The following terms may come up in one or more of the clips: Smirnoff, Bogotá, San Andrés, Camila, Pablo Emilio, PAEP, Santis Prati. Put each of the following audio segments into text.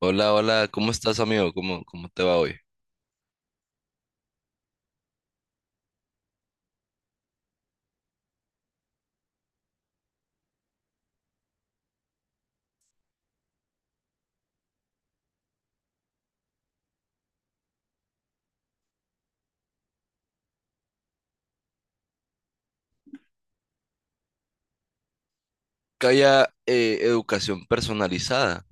Hola, hola, ¿cómo estás, amigo? ¿Cómo, cómo te va hoy? Que haya educación personalizada.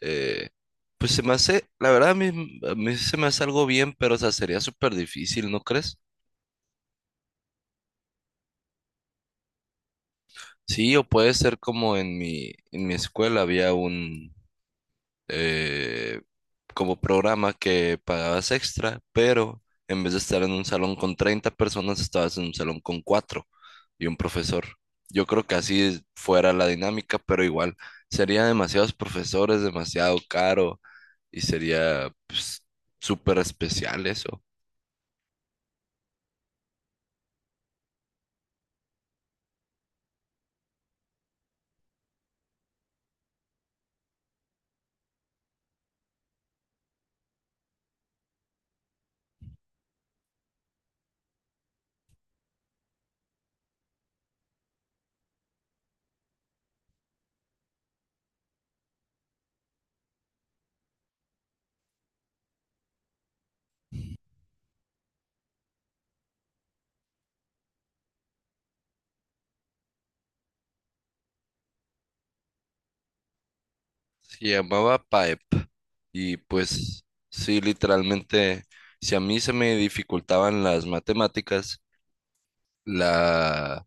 eh, pues se me hace, la verdad, a mí se me hace algo bien, pero o sea, sería súper difícil, ¿no crees? Sí, o puede ser como en mi escuela había un, eh, como programa que pagabas extra, pero en vez de estar en un salón con 30 personas, estabas en un salón con 4 y un profesor. Yo creo que fuera la dinámica, pero igual sería demasiados profesores, demasiado caro y sería pues, súper especial eso. Se llamaba PAEP y pues sí, literalmente, si a mí se me dificultaban las matemáticas, la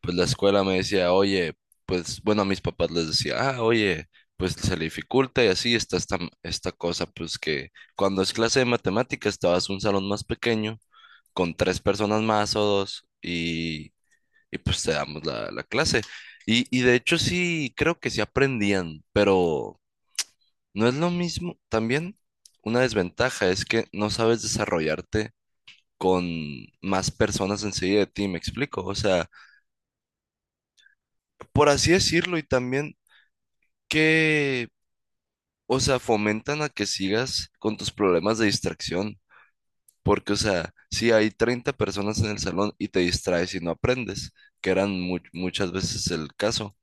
pues la escuela me decía, oye, pues bueno, a mis papás les decía, ah, oye, pues se le dificulta y así está esta, esta cosa, pues que cuando es clase de matemáticas te vas a un salón más pequeño con tres personas más o dos y pues te damos la, la clase. Y de hecho sí, creo que sí aprendían, pero no es lo mismo. También una desventaja es que no sabes desarrollarte con más personas enseguida de ti, ¿me explico? O sea, por así decirlo, y también que, o sea, fomentan a que sigas con tus problemas de distracción. Porque, o sea, si hay 30 personas en el salón y te distraes y no aprendes, que eran muchas veces el caso,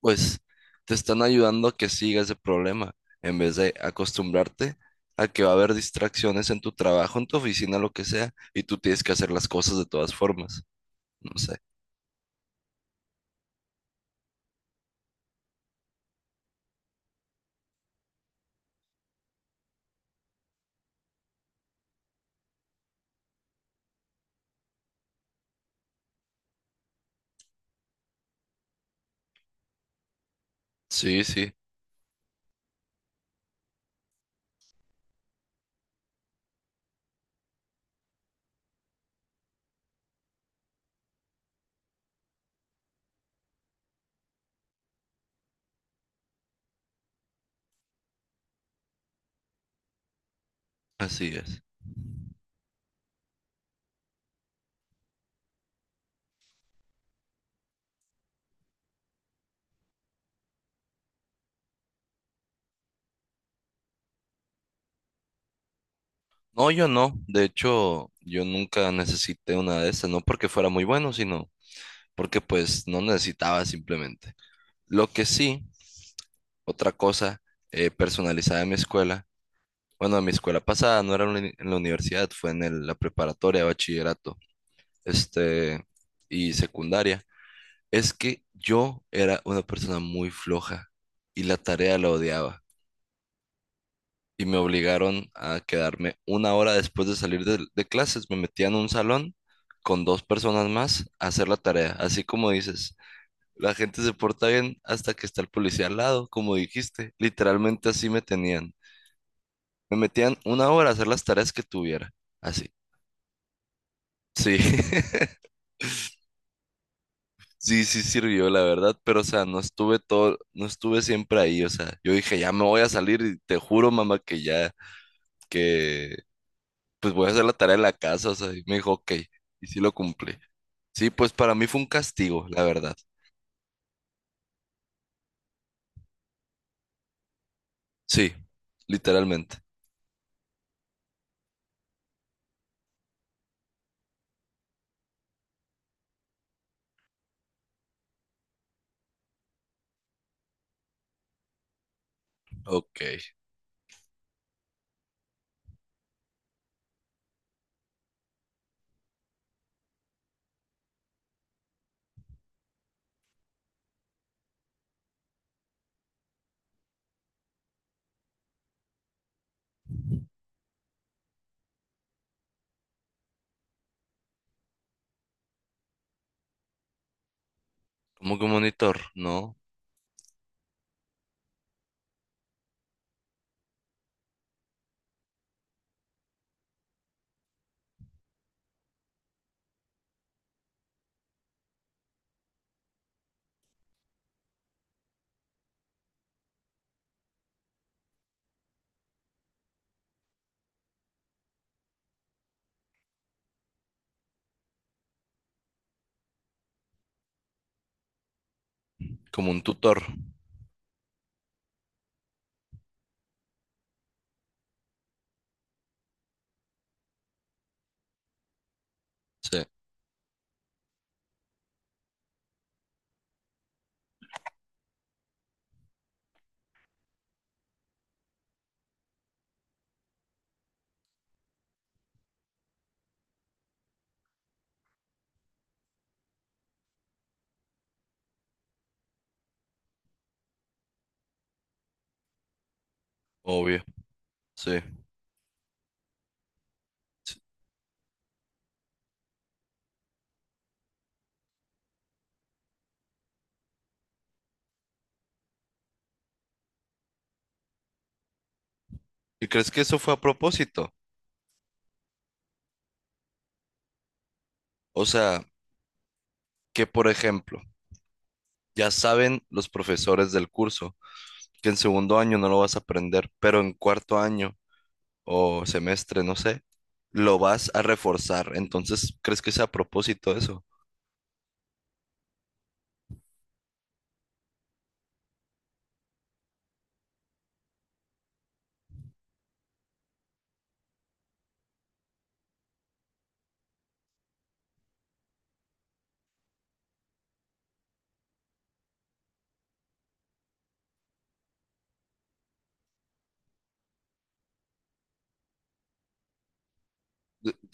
pues te están ayudando a que sigas ese problema, en vez de acostumbrarte a que va a haber distracciones en tu trabajo, en tu oficina, lo que sea, y tú tienes que hacer las cosas de todas formas. No sé. Sí, sí, así es. No, yo no. De hecho, yo nunca necesité una de esas, no porque fuera muy bueno, sino porque pues no necesitaba simplemente. Lo que sí, otra cosa personalizada en mi escuela, bueno, en mi escuela pasada no era en en la universidad, fue en la preparatoria, bachillerato, este, y secundaria, es que yo era una persona muy floja y la tarea la odiaba. Y me obligaron a quedarme una hora después de salir de clases. Me metía en un salón con dos personas más a hacer la tarea. Así como dices, la gente se porta bien hasta que está el policía al lado, como dijiste. Literalmente así me tenían. Me metían una hora a hacer las tareas que tuviera. Así. Sí, sí, sí sirvió, la verdad, pero o sea, no estuve todo, no estuve siempre ahí, o sea, yo dije, ya me voy a salir y te juro, mamá, que ya, que pues voy a hacer la tarea de la casa, o sea, y me dijo, ok, y sí lo cumplí. Sí, pues para mí fue un castigo, la verdad. Sí, literalmente. Ok, como que un monitor, ¿no? Como un tutor. Sí, obvio, sí. Sí. ¿Y crees que eso fue a propósito? O sea, que por ejemplo, ya saben los profesores del curso que en segundo año no lo vas a aprender, pero en cuarto año o semestre, no sé, lo vas a reforzar. Entonces, ¿crees que sea a propósito eso?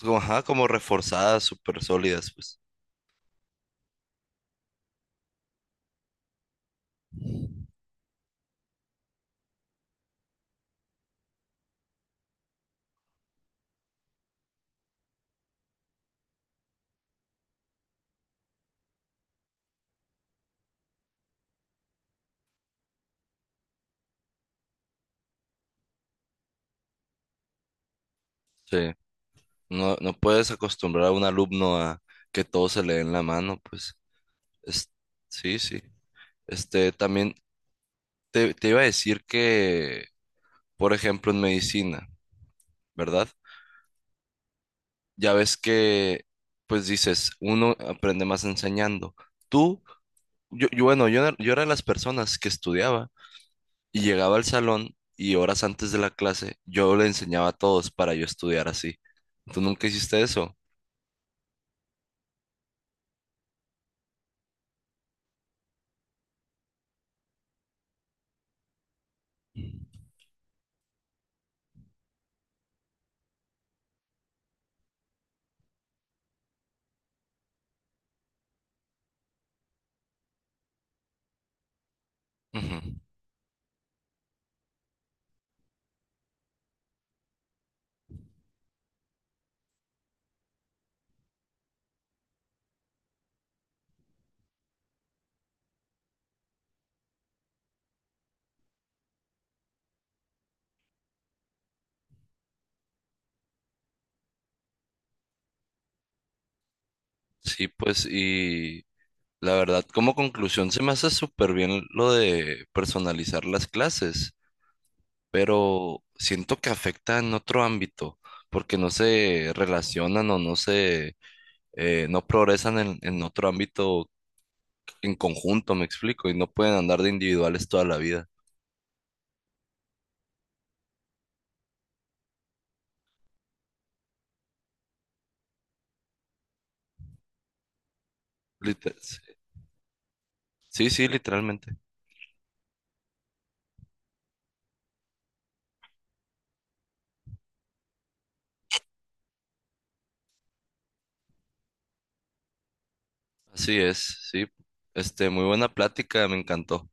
Como, ajá, como reforzadas, súper sólidas, pues. Sí. No, no puedes acostumbrar a un alumno a que todo se le dé en la mano, pues. Es, sí, sí. Este, también te iba a decir que, por ejemplo, en medicina, ¿verdad? Ya ves que, pues dices, uno aprende más enseñando. Tú, yo era de las personas que estudiaba y llegaba al salón y horas antes de la clase yo le enseñaba a todos para yo estudiar así. ¿Tú nunca hiciste eso? Ujú. Sí, pues, y la verdad, como conclusión, se me hace súper bien lo de personalizar las clases, pero siento que afecta en otro ámbito, porque no se relacionan o no se, no progresan en otro ámbito en conjunto, me explico, y no pueden andar de individuales toda la vida. Liter- sí, sí, literalmente. Así es, sí. Este, muy buena plática, me encantó.